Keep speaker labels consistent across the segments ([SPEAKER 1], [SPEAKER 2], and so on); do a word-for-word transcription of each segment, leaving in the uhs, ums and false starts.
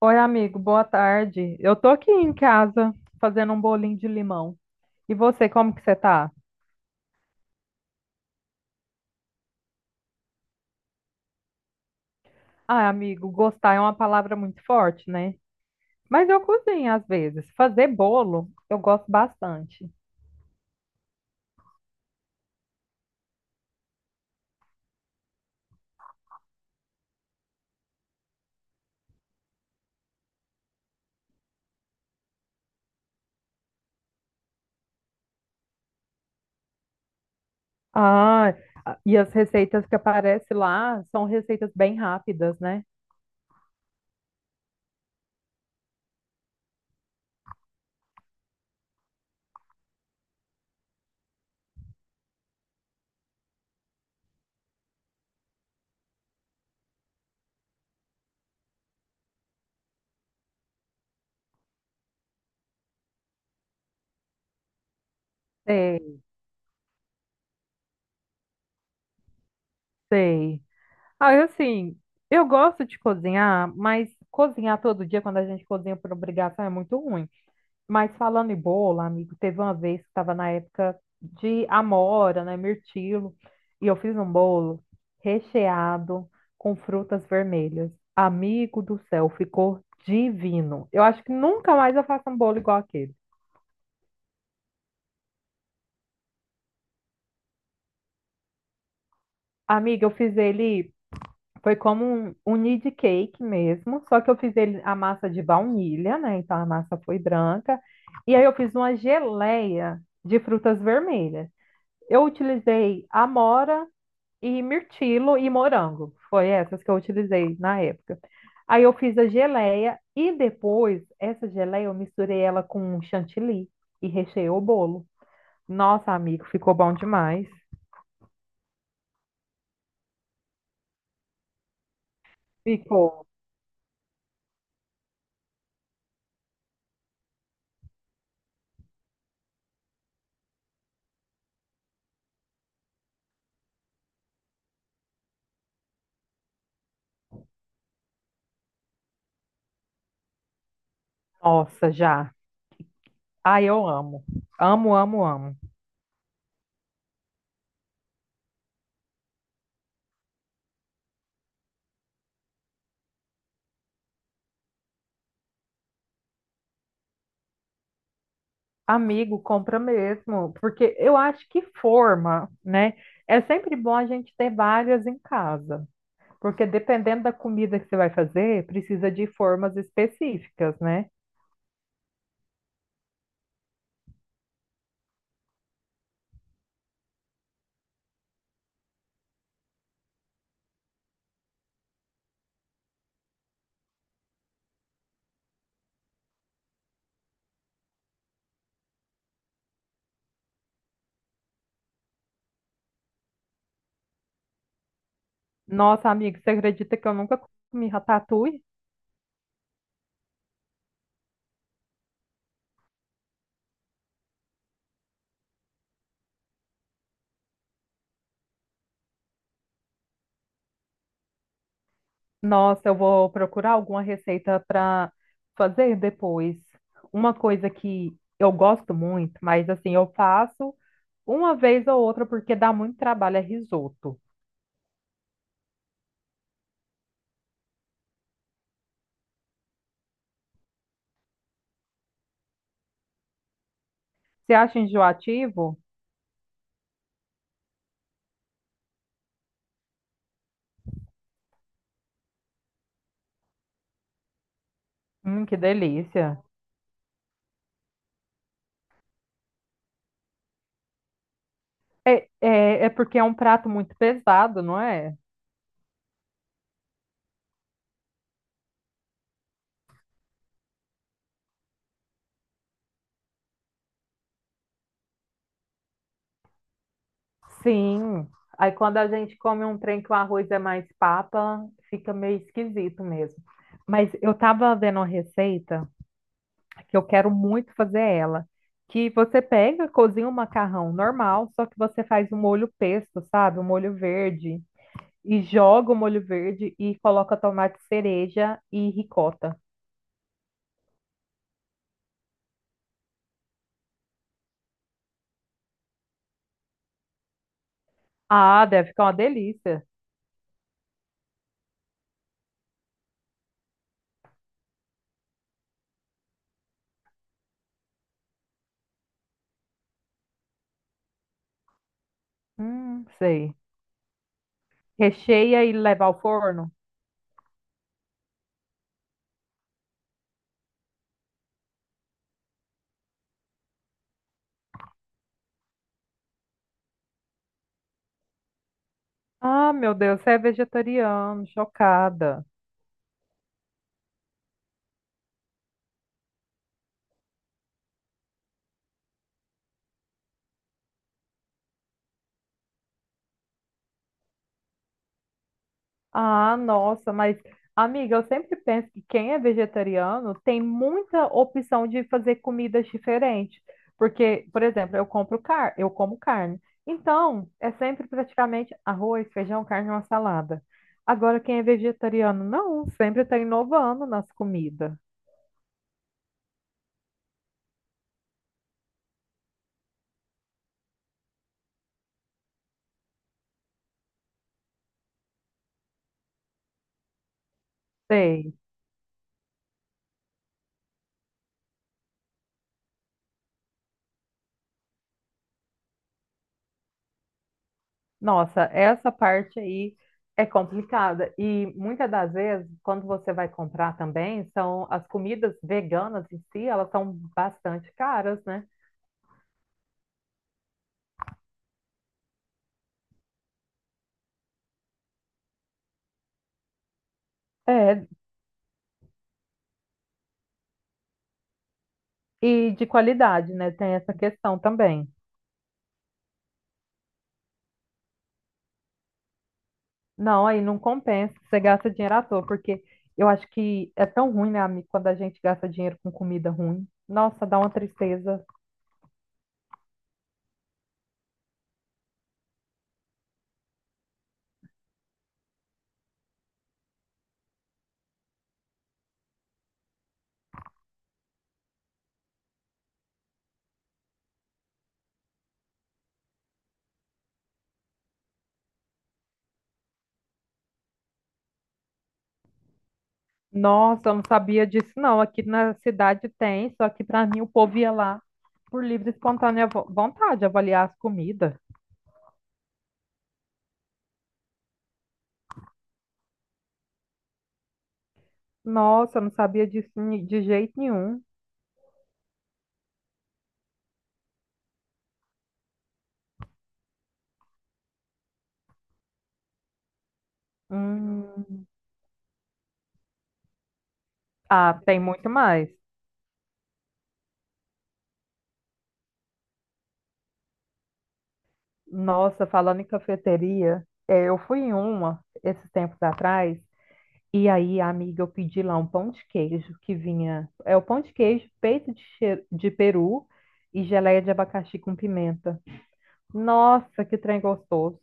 [SPEAKER 1] Oi, amigo, boa tarde. Eu tô aqui em casa fazendo um bolinho de limão. E você, como que você tá? Ah, amigo, gostar é uma palavra muito forte, né? Mas eu cozinho às vezes. Fazer bolo, eu gosto bastante. Ah, e as receitas que aparecem lá são receitas bem rápidas, né? Sei, sei. Ah, eu, assim, eu gosto de cozinhar, mas cozinhar todo dia quando a gente cozinha por obrigação é muito ruim. Mas falando em bolo, amigo, teve uma vez que estava na época de amora, né, mirtilo, e eu fiz um bolo recheado com frutas vermelhas. Amigo do céu, ficou divino. Eu acho que nunca mais eu faço um bolo igual aquele. Amiga, eu fiz ele, foi como um, um need cake mesmo, só que eu fiz ele a massa de baunilha, né? Então a massa foi branca. E aí eu fiz uma geleia de frutas vermelhas. Eu utilizei amora, e mirtilo e morango. Foi essas que eu utilizei na época. Aí eu fiz a geleia e depois essa geleia eu misturei ela com um chantilly e recheei o bolo. Nossa, amigo, ficou bom demais. Ficou. Nossa, já. Ai, eu amo. Amo, amo, amo. Amigo, compra mesmo, porque eu acho que forma, né? É sempre bom a gente ter várias em casa, porque dependendo da comida que você vai fazer, precisa de formas específicas, né? Nossa, amigo, você acredita que eu nunca comi ratatouille? Nossa, eu vou procurar alguma receita para fazer depois. Uma coisa que eu gosto muito, mas assim, eu faço uma vez ou outra porque dá muito trabalho, é risoto. Você acha enjoativo? Hum, que delícia. É, é, é porque é um prato muito pesado, não é? Sim. Aí quando a gente come um trem que o arroz é mais papa, fica meio esquisito mesmo. Mas eu tava vendo uma receita. Que eu quero muito fazer ela. Que você pega, cozinha um macarrão normal, só que você faz um molho pesto, sabe? Um molho verde. E joga o molho verde e coloca tomate cereja e ricota. Ah, deve ficar uma delícia. Hum, sei. Recheia e leva ao forno? Ah, meu Deus, você é vegetariano, chocada. Ah, nossa, mas amiga, eu sempre penso que quem é vegetariano tem muita opção de fazer comidas diferentes, porque, por exemplo, eu compro car, eu como carne. Então, é sempre praticamente arroz, feijão, carne e uma salada. Agora, quem é vegetariano, não, sempre está inovando nas comidas. Sei. Nossa, essa parte aí é complicada. E muitas das vezes, quando você vai comprar também, são as comidas veganas em si, elas são bastante caras, né? É, e de qualidade, né? Tem essa questão também. Não, aí não compensa, você gasta dinheiro à toa, porque eu acho que é tão ruim, né, amigo, quando a gente gasta dinheiro com comida ruim. Nossa, dá uma tristeza. Nossa, eu não sabia disso, não. Aqui na cidade tem, só que para mim o povo ia lá por livre e espontânea vo- vontade avaliar as comidas. Nossa, eu não sabia disso ni- de jeito nenhum. Hum. Ah, tem muito mais. Nossa, falando em cafeteria, é, eu fui em uma esses tempos atrás, e aí, amiga, eu pedi lá um pão de queijo que vinha. É o pão de queijo, peito de, che- de peru e geleia de abacaxi com pimenta. Nossa, que trem gostoso.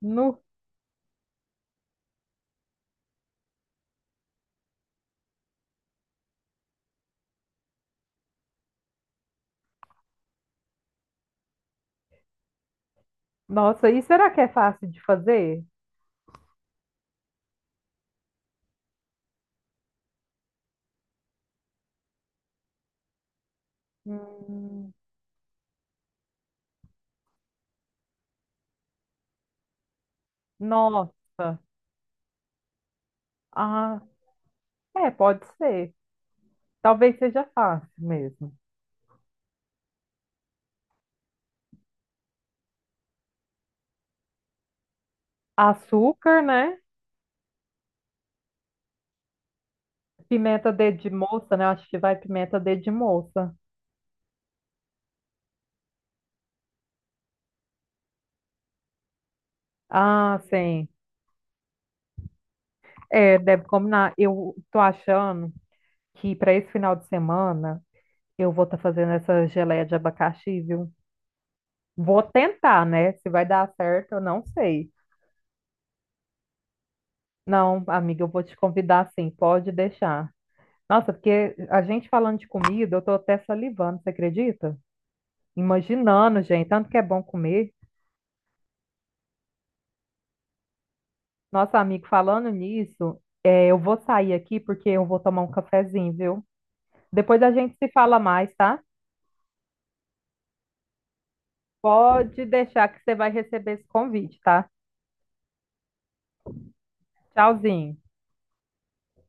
[SPEAKER 1] Nu Nossa, e será que é fácil de fazer? Hum, nossa. Ah, é, pode ser. Talvez seja fácil mesmo. Açúcar, né? Pimenta dedo de moça, né? Acho que vai pimenta dedo de moça. Ah, sim. É, deve combinar. Eu tô achando que para esse final de semana eu vou estar fazendo essa geleia de abacaxi, viu? Vou tentar, né? Se vai dar certo, eu não sei. Não, amiga, eu vou te convidar sim, pode deixar. Nossa, porque a gente falando de comida, eu tô até salivando, você acredita? Imaginando, gente, tanto que é bom comer. Nossa amigo falando nisso, é, eu vou sair aqui porque eu vou tomar um cafezinho, viu? Depois a gente se fala mais, tá? Pode deixar que você vai receber esse convite, tá? Tchauzinho.